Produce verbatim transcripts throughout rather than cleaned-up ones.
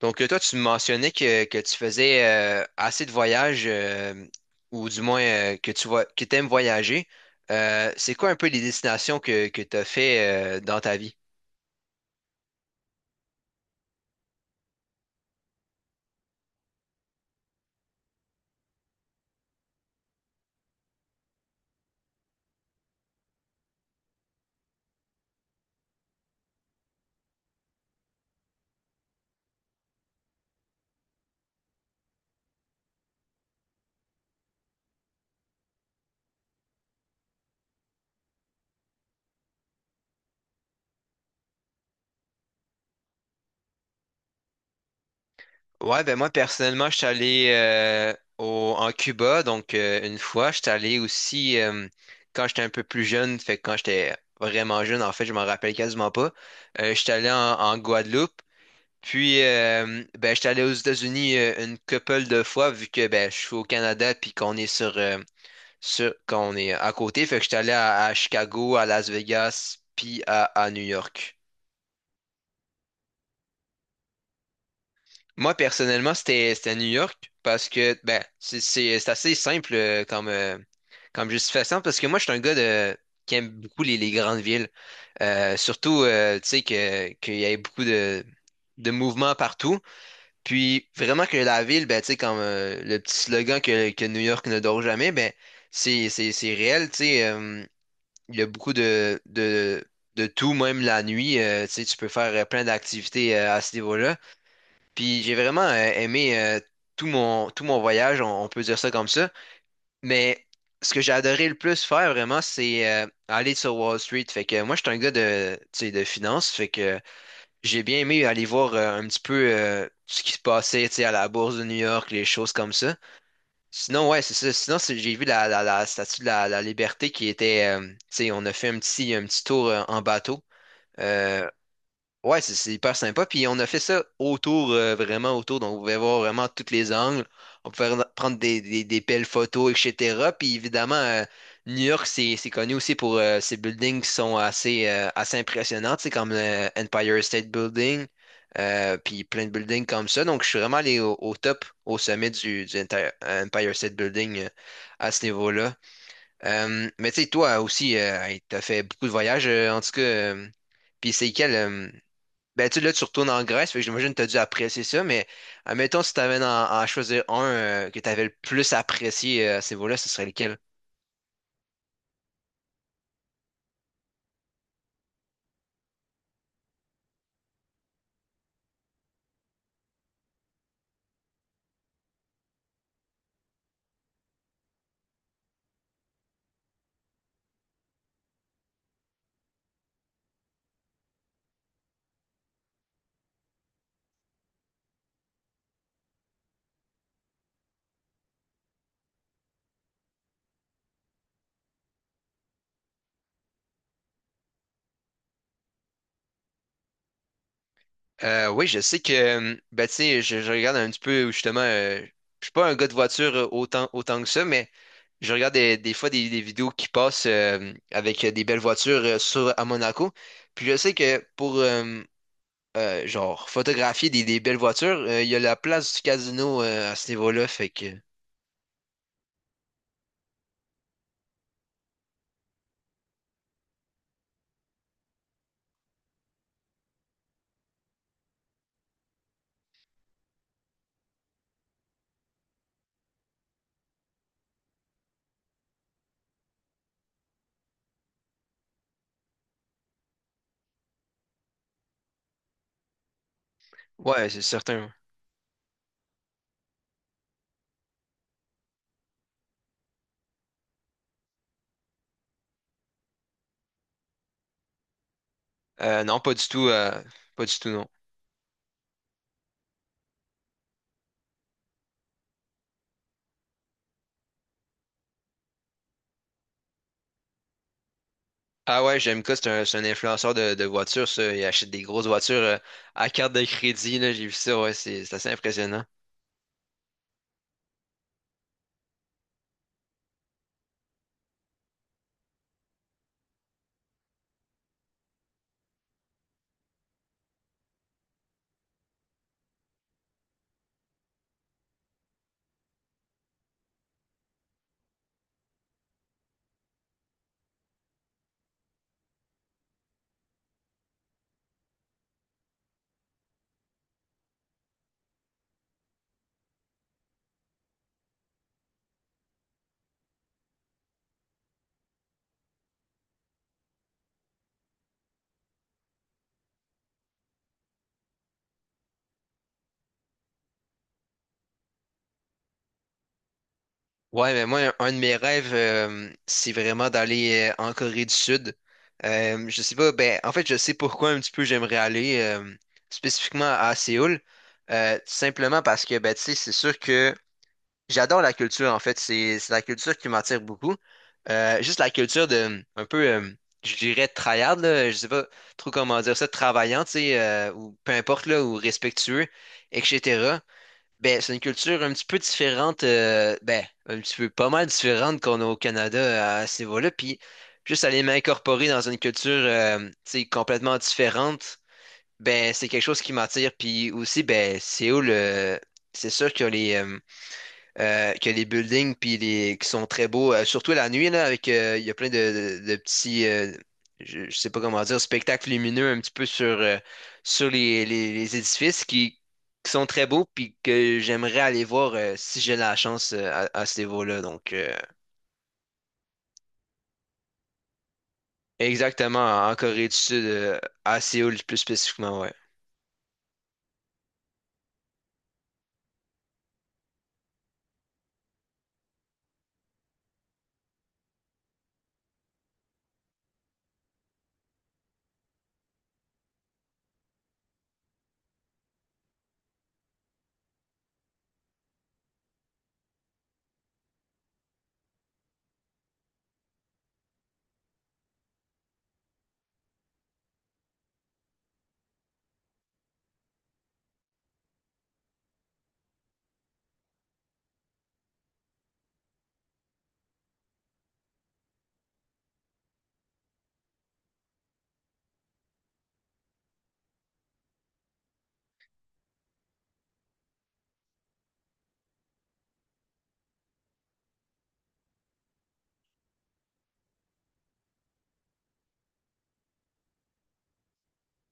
Donc, euh, toi, tu me mentionnais que, que tu faisais euh, assez de voyages, euh, ou du moins euh, que tu vois, que t'aimes voyager. Euh, c'est quoi un peu les destinations que, que tu as fait euh, dans ta vie? Ouais, ben moi, personnellement, je suis allé euh, au, en Cuba, donc euh, une fois. Je suis allé aussi euh, quand j'étais un peu plus jeune, fait que quand j'étais vraiment jeune, en fait, je m'en rappelle quasiment pas. Euh, je suis allé en, en Guadeloupe. Puis, euh, ben, j'étais allé aux États-Unis euh, une couple de fois, vu que ben, je suis au Canada, puis qu'on est sur, euh, sur- qu'on est à côté. Fait que j'étais allé à, à Chicago, à Las Vegas, puis à, à New York. Moi, personnellement, c'était c'était à New York, parce que ben, c'est c'est- c'est assez simple euh, comme, euh, comme justification, parce que moi, je suis un gars de, qui aime beaucoup les, les grandes villes. Euh, surtout, euh, tu sais, que, qu'il y a beaucoup de, de mouvements partout. Puis vraiment que la ville, ben, tu sais, comme euh, le petit slogan que, que New York ne dort jamais, ben, c'est, c'est, c'est réel, tu sais. Euh, il y a beaucoup de, de, de tout, même la nuit. Euh, tu sais, tu peux faire euh, plein d'activités euh, à ce niveau-là. Puis j'ai vraiment euh, aimé euh, tout mon, tout mon voyage, on, on peut dire ça comme ça. Mais ce que j'ai adoré le plus faire, vraiment, c'est euh, aller sur Wall Street. Fait que moi, je suis un gars de, tu sais, de finance. Fait que j'ai bien aimé aller voir euh, un petit peu euh, ce qui se passait, tu sais, à la Bourse de New York, les choses comme ça. Sinon, ouais, c'est ça. Sinon, c'est- j'ai vu la, la, la statue de la, la liberté qui était, euh, tu sais, on a fait un petit, un petit tour euh, en bateau. Euh, Ouais, c'est c'est hyper sympa. Puis on a fait ça autour, euh, vraiment autour. Donc, on pouvait voir vraiment tous les angles. On pouvait re- prendre des, des, des belles photos, et cætera. Puis évidemment, euh, New York, c'est c'est connu aussi pour euh, ses buildings qui sont assez, euh, assez impressionnants, tu sais, comme le Empire State Building, euh, puis plein de buildings comme ça. Donc, je suis vraiment allé au, au top, au sommet du, du Inter- Empire State Building euh, à ce niveau-là. Euh, mais tu sais, toi aussi, tu as fait beaucoup de voyages, euh, en tout cas. Euh, puis c'est quel. Euh, ben, tu sais, là, tu retournes en Grèce, fait que j'imagine que tu as dû apprécier ça, mais admettons, si tu avais à choisir un euh, que tu avais le plus apprécié euh, à ce niveau-là, ce serait lequel? Euh, oui, je sais que, euh, ben, tu sais, je, je regarde un petit peu, justement, euh, je suis pas un gars de voiture euh, autant, autant que ça, mais je regarde des, des fois des, des vidéos qui passent euh, avec euh, des belles voitures euh, sur, à Monaco. Puis je sais que pour, euh, euh, genre, photographier des, des belles voitures, euh, il y a la place du casino euh, à ce niveau-là, fait que, ouais, c'est certain. Euh, non, pas du tout. Euh, pas du tout, non. Ah ouais, Jamka, c'est un, c'est un influenceur de, de voitures, ça. Il achète des grosses voitures euh, à carte de crédit, là. J'ai vu ça, ouais, c'est c'est assez impressionnant. Ouais, mais moi, un, un de mes rêves, euh, c'est vraiment d'aller euh, en Corée du Sud. Euh, je sais pas, ben, en fait, je sais pourquoi un petit peu j'aimerais aller euh, spécifiquement à Séoul. Euh, tout simplement parce que, ben, tu sais, c'est sûr que. J'adore la culture, en fait. C'est c'est la culture qui m'attire beaucoup. Euh, juste la culture de, un peu, euh, je dirais, tryhard, là, je sais pas trop comment dire ça, travaillant, tu sais, euh, ou peu importe, là, ou respectueux, et cætera. Ben, c'est une culture un petit peu différente, euh, ben, un petit peu pas mal différente qu'on a au Canada à ce niveau-là. Puis, juste aller m'incorporer dans une culture, euh, tu sais, complètement différente, ben, c'est quelque chose qui m'attire. Puis aussi, ben, c'est où le. C'est sûr que les. Euh, euh, que les buildings puis les qui sont très beaux, euh, surtout la nuit là, avec euh, il y a plein de, de- de petits euh, je, je sais pas comment dire, spectacles lumineux un petit peu sur, euh, sur les, les- les édifices qui, qui sont très beaux puis que j'aimerais aller voir euh, si j'ai la chance euh, à, à ce niveau-là. Donc euh, exactement en Corée du Sud, euh, à Séoul plus spécifiquement, ouais.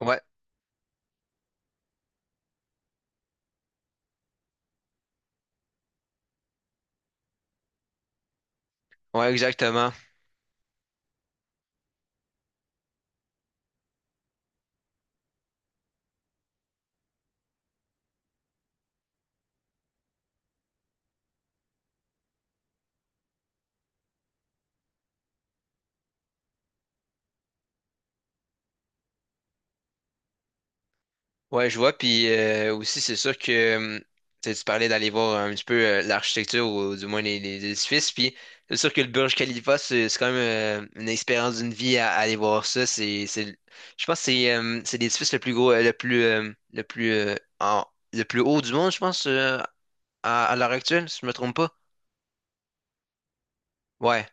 Ouais, ouais, exactement. Ouais, je vois. Puis euh, aussi, c'est sûr que hum, tu sais, tu parlais d'aller voir un petit peu euh, l'architecture ou du moins les, les édifices. Puis c'est sûr que le Burj Khalifa, c'est c'est quand même euh, une expérience d'une vie à, à aller voir ça. C'est, c'est, je pense que c'est hum, c'est l'édifice le plus gros, euh, le plus, euh, le plus, euh, en- le plus haut du monde, je pense, euh, à, à l'heure actuelle, si je me trompe pas. Ouais.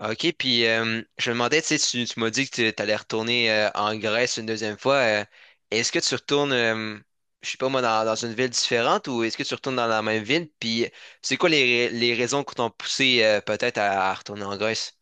OK, puis euh, je me demandais, tu sais, tu, tu m'as dit que tu allais retourner euh, en Grèce une deuxième fois. Euh, est-ce que tu retournes, euh, je sais pas moi, dans, dans une ville différente ou est-ce que tu retournes dans la même ville? Puis c'est quoi les, ra- les raisons qui t'ont poussé euh, peut-être à, à retourner en Grèce?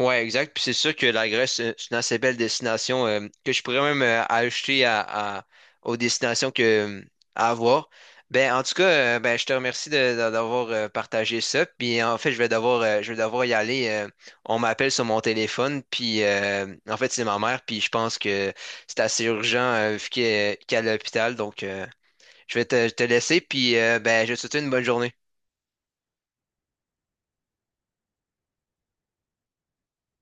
Ouais, exact. Puis c'est sûr que la Grèce, c'est c'est une assez belle destination euh, que je pourrais même euh, ajouter à, à- aux destinations que, euh, à avoir. Ben, en tout cas, euh, ben, je te remercie de, de- d'avoir euh, partagé ça. Puis en fait, je vais devoir, euh, je vais devoir y aller. Euh, on m'appelle sur mon téléphone. Puis euh, en fait, c'est ma mère. Puis je pense que c'est assez urgent euh, vu qu'elle qu'elle est à l'hôpital. Donc, euh, je vais te, te laisser. Puis euh, ben, je te souhaite une bonne journée.